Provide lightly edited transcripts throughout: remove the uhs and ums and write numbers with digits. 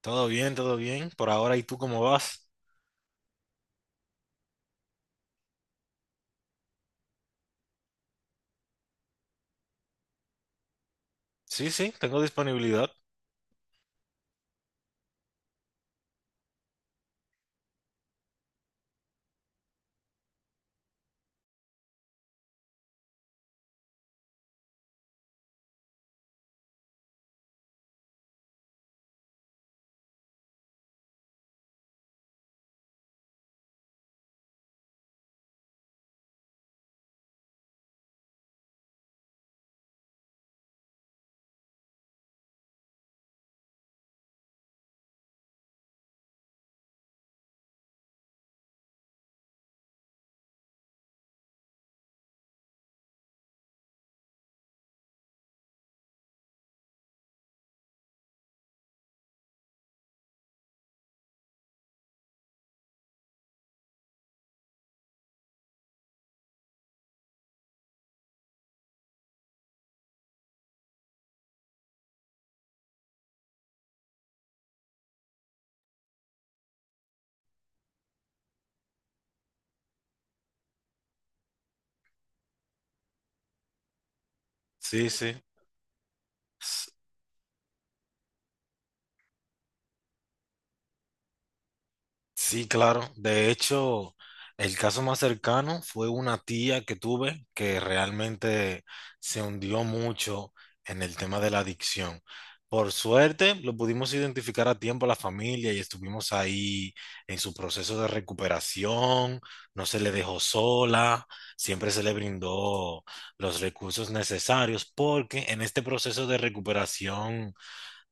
Todo bien, todo bien. Por ahora, ¿y tú cómo vas? Sí, sí, tengo disponibilidad. Sí, sí. Sí, claro. De hecho, el caso más cercano fue una tía que tuve que realmente se hundió mucho en el tema de la adicción. Por suerte, lo pudimos identificar a tiempo la familia y estuvimos ahí en su proceso de recuperación. No se le dejó sola, siempre se le brindó los recursos necesarios porque en este proceso de recuperación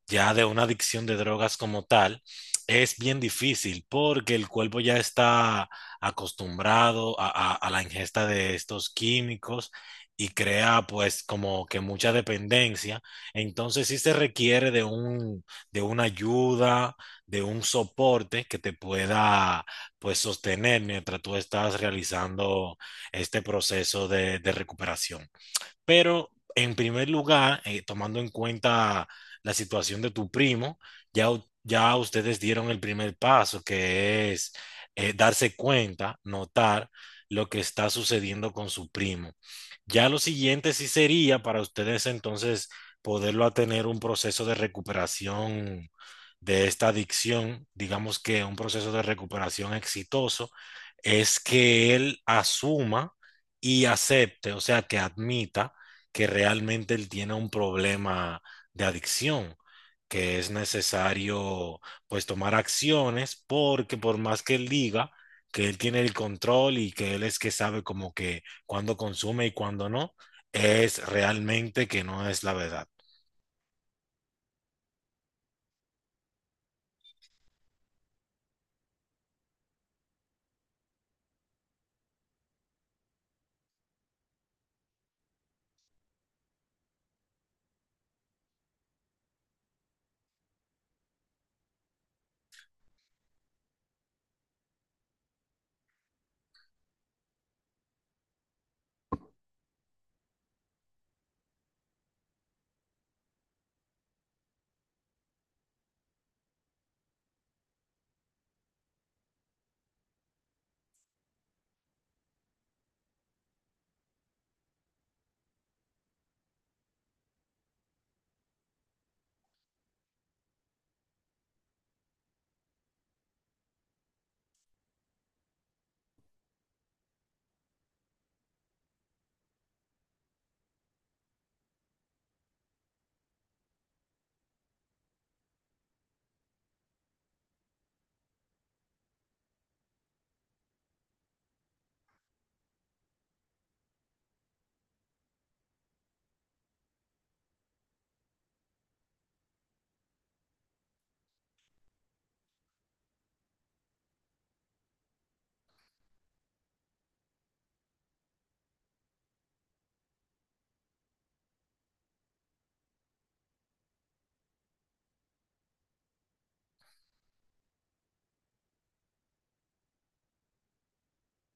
ya de una adicción de drogas como tal, es bien difícil porque el cuerpo ya está acostumbrado a la ingesta de estos químicos y crea pues como que mucha dependencia. Entonces sí se requiere de una ayuda, de un soporte que te pueda pues sostener mientras tú estás realizando este proceso de recuperación. Pero en primer lugar, tomando en cuenta la situación de tu primo, ya, ya ustedes dieron el primer paso, que es darse cuenta, notar lo que está sucediendo con su primo. Ya lo siguiente sí sería para ustedes entonces poderlo a tener un proceso de recuperación de esta adicción, digamos que un proceso de recuperación exitoso, es que él asuma y acepte, o sea, que admita que realmente él tiene un problema de adicción, que es necesario pues tomar acciones porque por más que él diga que él tiene el control y que él es que sabe como que cuando consume y cuando no, es realmente que no es la verdad.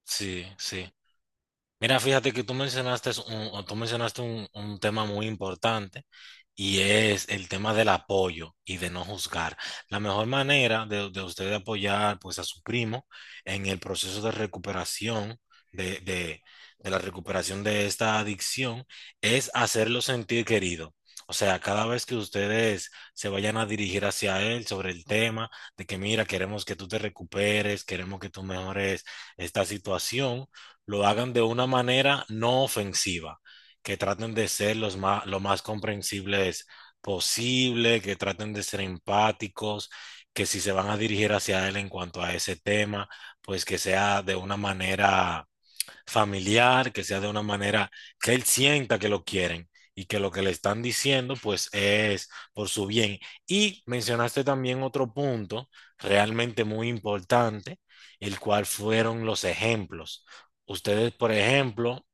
Sí, sí. Mira, fíjate que tú mencionaste un tema muy importante y es el tema del apoyo y de no juzgar. La mejor manera de usted apoyar pues a su primo en el proceso de recuperación de, de, de la recuperación de esta adicción es hacerlo sentir querido. O sea, cada vez que ustedes se vayan a dirigir hacia él sobre el tema de que mira, queremos que tú te recuperes, queremos que tú mejores esta situación, lo hagan de una manera no ofensiva, que traten de ser lo más comprensibles posible, que traten de ser empáticos, que si se van a dirigir hacia él en cuanto a ese tema, pues que sea de una manera familiar, que sea de una manera que él sienta que lo quieren y que lo que le están diciendo pues es por su bien. Y mencionaste también otro punto realmente muy importante, el cual fueron los ejemplos. Ustedes, por ejemplo,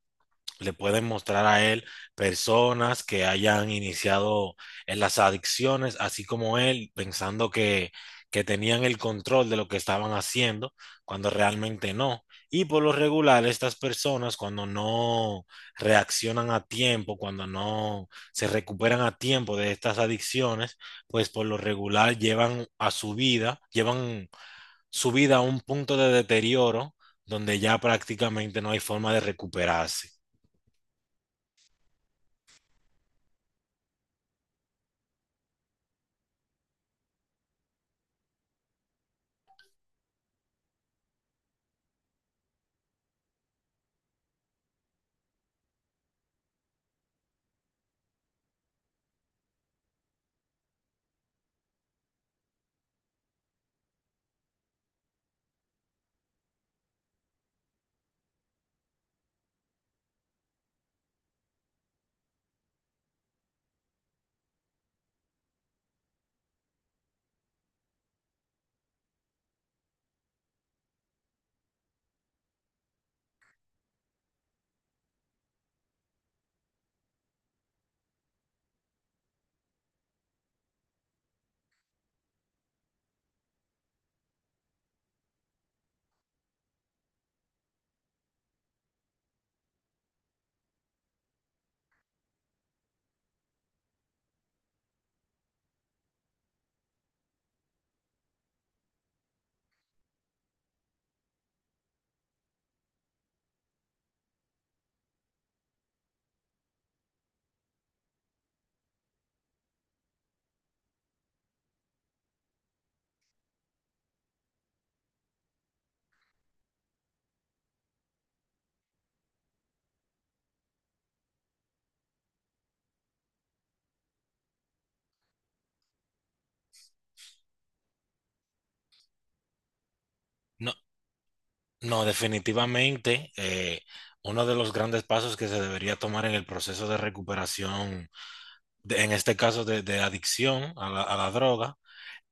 le pueden mostrar a él personas que hayan iniciado en las adicciones, así como él, pensando que tenían el control de lo que estaban haciendo, cuando realmente no. Y por lo regular, estas personas cuando no reaccionan a tiempo, cuando no se recuperan a tiempo de estas adicciones, pues por lo regular llevan su vida a un punto de deterioro donde ya prácticamente no hay forma de recuperarse. No, no, definitivamente uno de los grandes pasos que se debería tomar en el proceso de recuperación, en este caso de adicción a a la droga,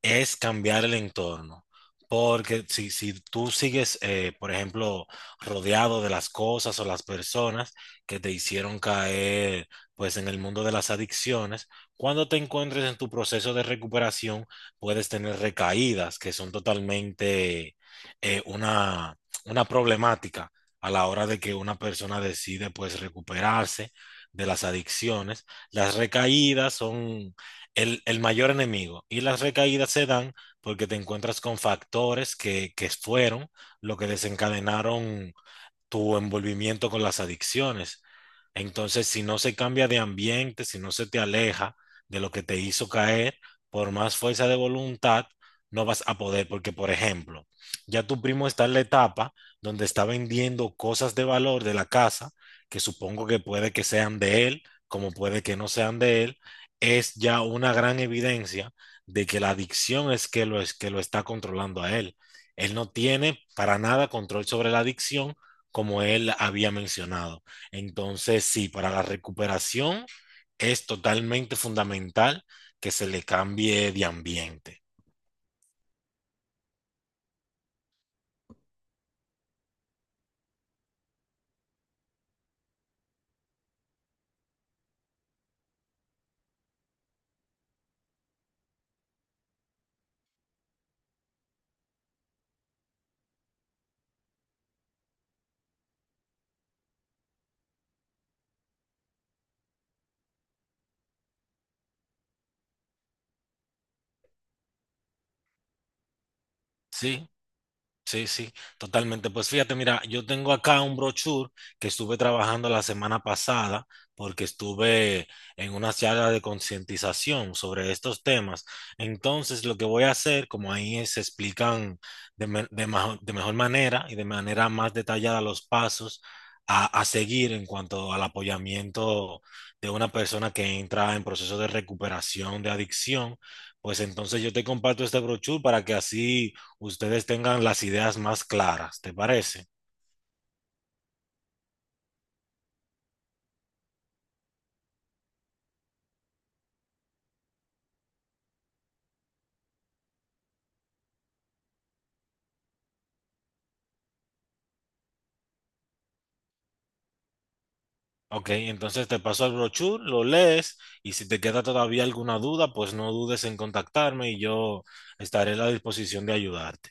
es cambiar el entorno. Porque si tú sigues, por ejemplo, rodeado de las cosas o las personas que te hicieron caer, pues en el mundo de las adicciones, cuando te encuentres en tu proceso de recuperación, puedes tener recaídas que son totalmente eh, una, una problemática a la hora de que una persona decide, pues, recuperarse de las adicciones. Las recaídas son el mayor enemigo. Y las recaídas se dan porque te encuentras con factores que fueron lo que desencadenaron tu envolvimiento con las adicciones. Entonces, si no se cambia de ambiente, si no se te aleja de lo que te hizo caer, por más fuerza de voluntad, no vas a poder, porque, por ejemplo, ya tu primo está en la etapa donde está vendiendo cosas de valor de la casa, que supongo que puede que sean de él, como puede que no sean de él, es ya una gran evidencia de que la adicción es que lo está controlando a él. Él no tiene para nada control sobre la adicción como él había mencionado. Entonces, sí, para la recuperación es totalmente fundamental que se le cambie de ambiente, ¿sí? Sí, sí, totalmente. Pues fíjate, mira, yo tengo acá un brochure que estuve trabajando la semana pasada porque estuve en una charla de concientización sobre estos temas. Entonces, lo que voy a hacer, como ahí se explican de mejor manera y de manera más detallada los pasos a seguir en cuanto al apoyamiento de una persona que entra en proceso de recuperación de adicción, pues entonces yo te comparto este brochure para que así ustedes tengan las ideas más claras, ¿te parece? Ok, entonces te paso el brochure, lo lees y si te queda todavía alguna duda, pues no dudes en contactarme y yo estaré a la disposición de ayudarte.